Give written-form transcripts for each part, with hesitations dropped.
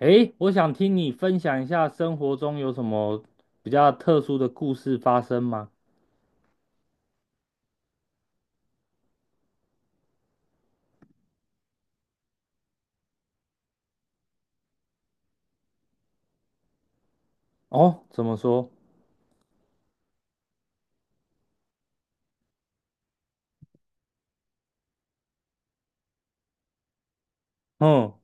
诶，我想听你分享一下生活中有什么比较特殊的故事发生吗？哦，怎么说？嗯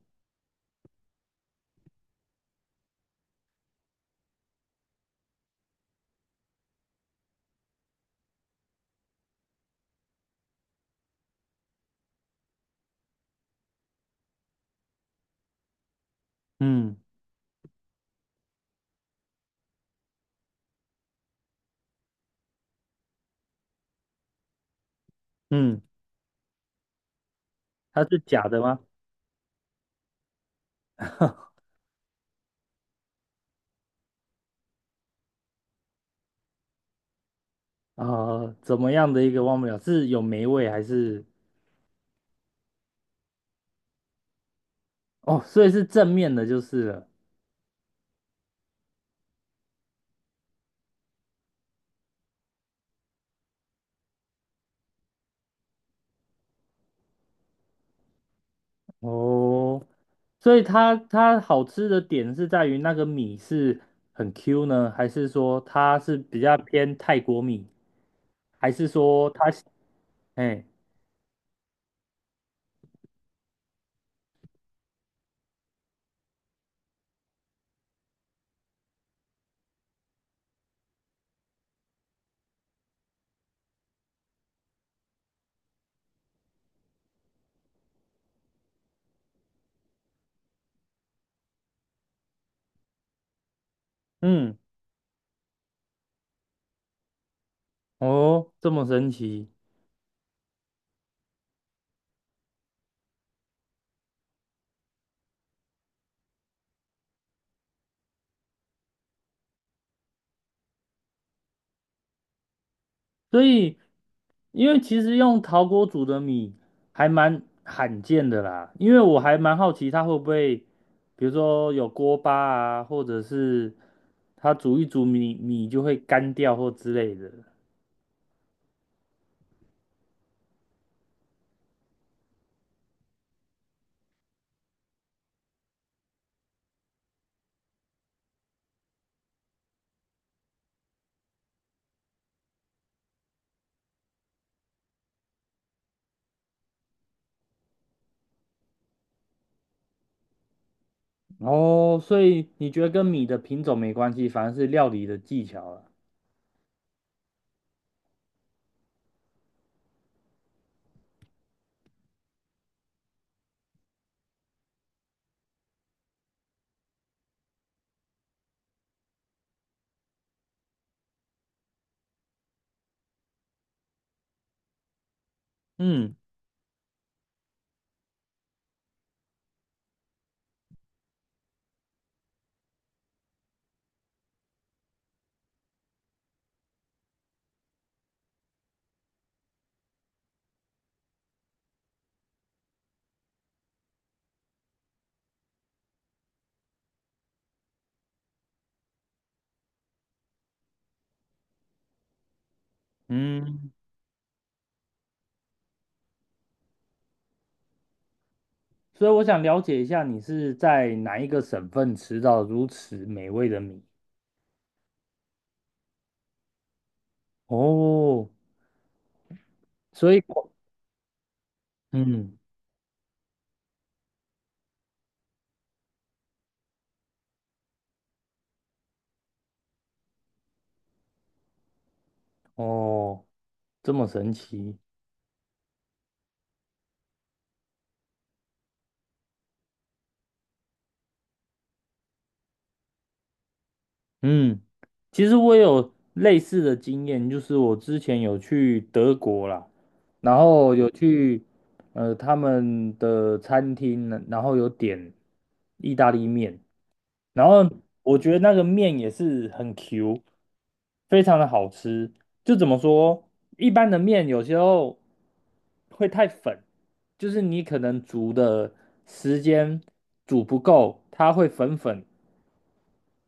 嗯嗯，它是假的吗？啊、怎么样的一个忘不了？是有霉味还是？哦，所以是正面的，就是了。哦，所以它好吃的点是在于那个米是很 Q 呢，还是说它是比较偏泰国米，还是说它哎嗯哦这么神奇？所以，因为其实用陶锅煮的米还蛮罕见的啦，因为我还蛮好奇它会不会，比如说有锅巴啊，或者是它煮一煮米就会干掉或之类的。哦，所以你觉得跟米的品种没关系，反而是料理的技巧了。嗯，嗯，所以我想了解一下，你是在哪一个省份吃到如此美味的米？哦，所以，嗯，哦。这么神奇，嗯，其实我有类似的经验，就是我之前有去德国啦，然后有去他们的餐厅，然后有点意大利面，然后我觉得那个面也是很 Q，非常的好吃。就怎么说，一般的面有时候会太粉，就是你可能煮的时间煮不够，它会粉粉。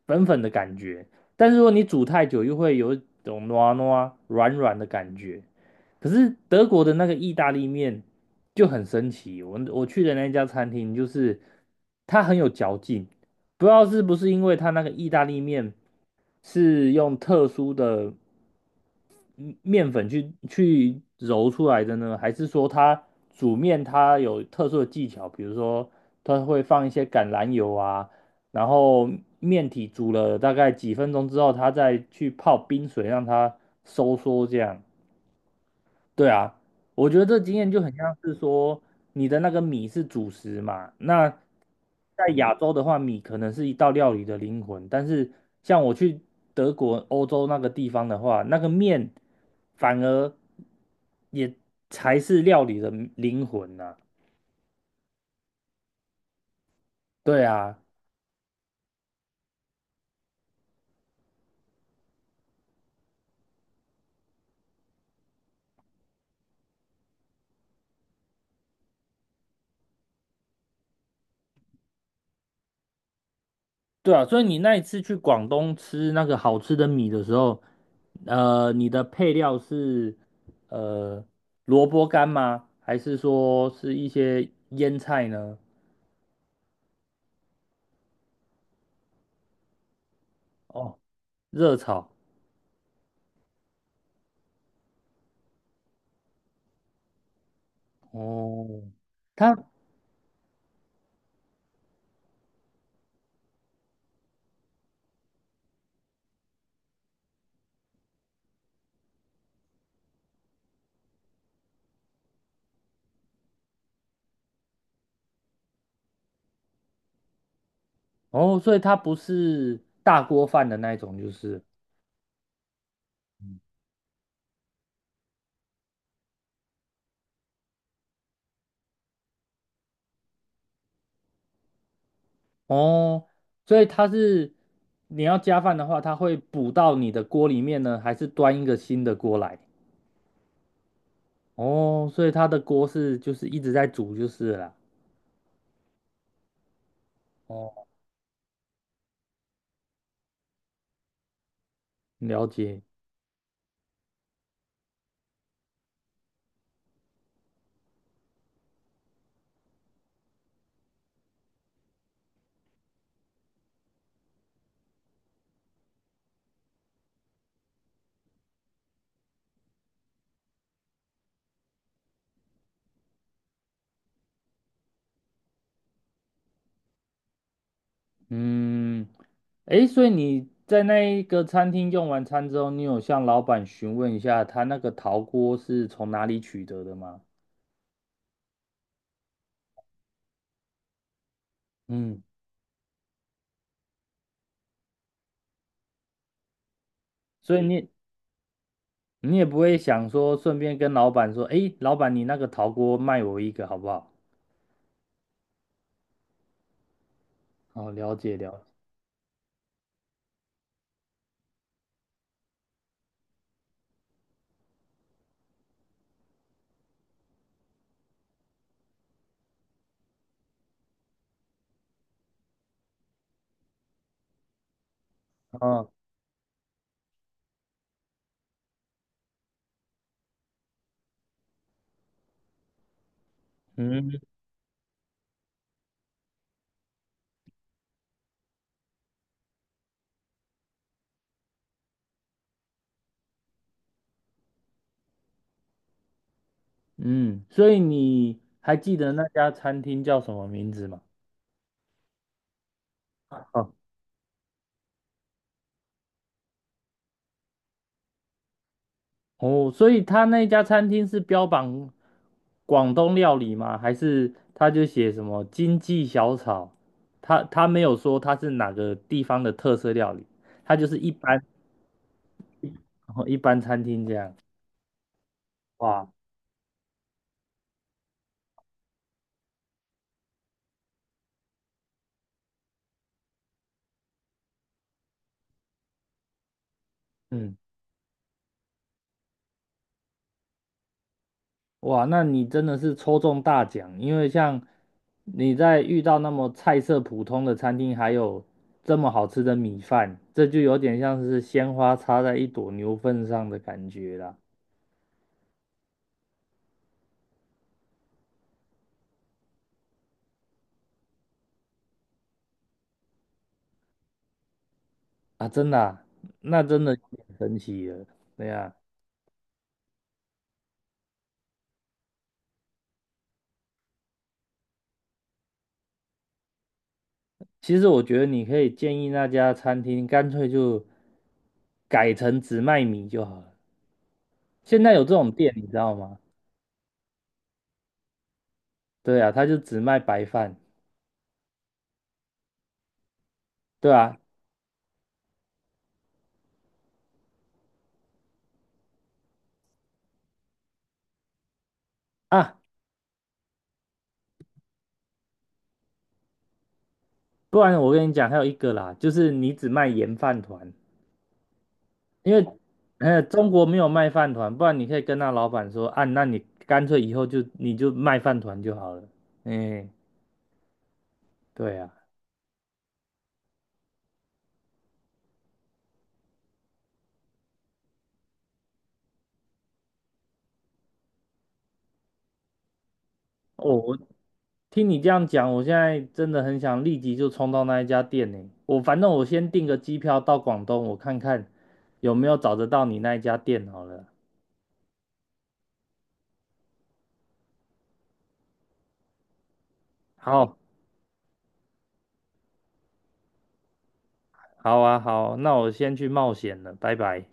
粉粉的感觉，但是如果你煮太久，又会有一种糯啊糯啊软软的感觉。可是德国的那个意大利面就很神奇，我去的那家餐厅就是它很有嚼劲，不知道是不是因为它那个意大利面是用特殊的面粉去揉出来的呢？还是说它煮面它有特殊的技巧？比如说它会放一些橄榄油啊，然后面体煮了大概几分钟之后，它再去泡冰水让它收缩这样。对啊，我觉得这经验就很像是说，你的那个米是主食嘛。那在亚洲的话，米可能是一道料理的灵魂，但是像我去德国、欧洲那个地方的话，那个面反而也才是料理的灵魂呐、对啊，对啊，所以你那一次去广东吃那个好吃的米的时候，你的配料是呃萝卜干吗？还是说是一些腌菜呢？哦，热炒。哦，它哦，所以它不是大锅饭的那一种，就是哦，所以它是你要加饭的话，它会补到你的锅里面呢，还是端一个新的锅来？哦，所以它的锅是就是一直在煮就是了哦。了解，嗯，诶，所以你在那一个餐厅用完餐之后，你有向老板询问一下他那个陶锅是从哪里取得的吗？嗯，所以你也不会想说顺便跟老板说，诶，老板，你那个陶锅卖我一个好不好？哦，了解了解，哦，嗯嗯，所以你还记得那家餐厅叫什么名字吗？哦，哦，所以他那家餐厅是标榜广东料理吗？还是他就写什么经济小炒？他没有说他是哪个地方的特色料理，他就是一般 一般餐厅这样。哇，嗯，哇，那你真的是抽中大奖，因为像你在遇到那么菜色普通的餐厅，还有这么好吃的米饭，这就有点像是鲜花插在一朵牛粪上的感觉啦。啊，真的啊那真的有点神奇了，对呀。其实我觉得你可以建议那家餐厅干脆就改成只卖米就好了。现在有这种店，你知道吗？对啊，他就只卖白饭，对啊啊，不然我跟你讲，还有一个啦，就是你只卖盐饭团，因为中国没有卖饭团，不然你可以跟那老板说啊，那你干脆以后就你就卖饭团就好了。哎，对啊，哦，我听你这样讲，我现在真的很想立即就冲到那一家店呢。我反正我先订个机票到广东，我看看有没有找得到你那一家店好了。好，好啊，好，那我先去冒险了，拜拜。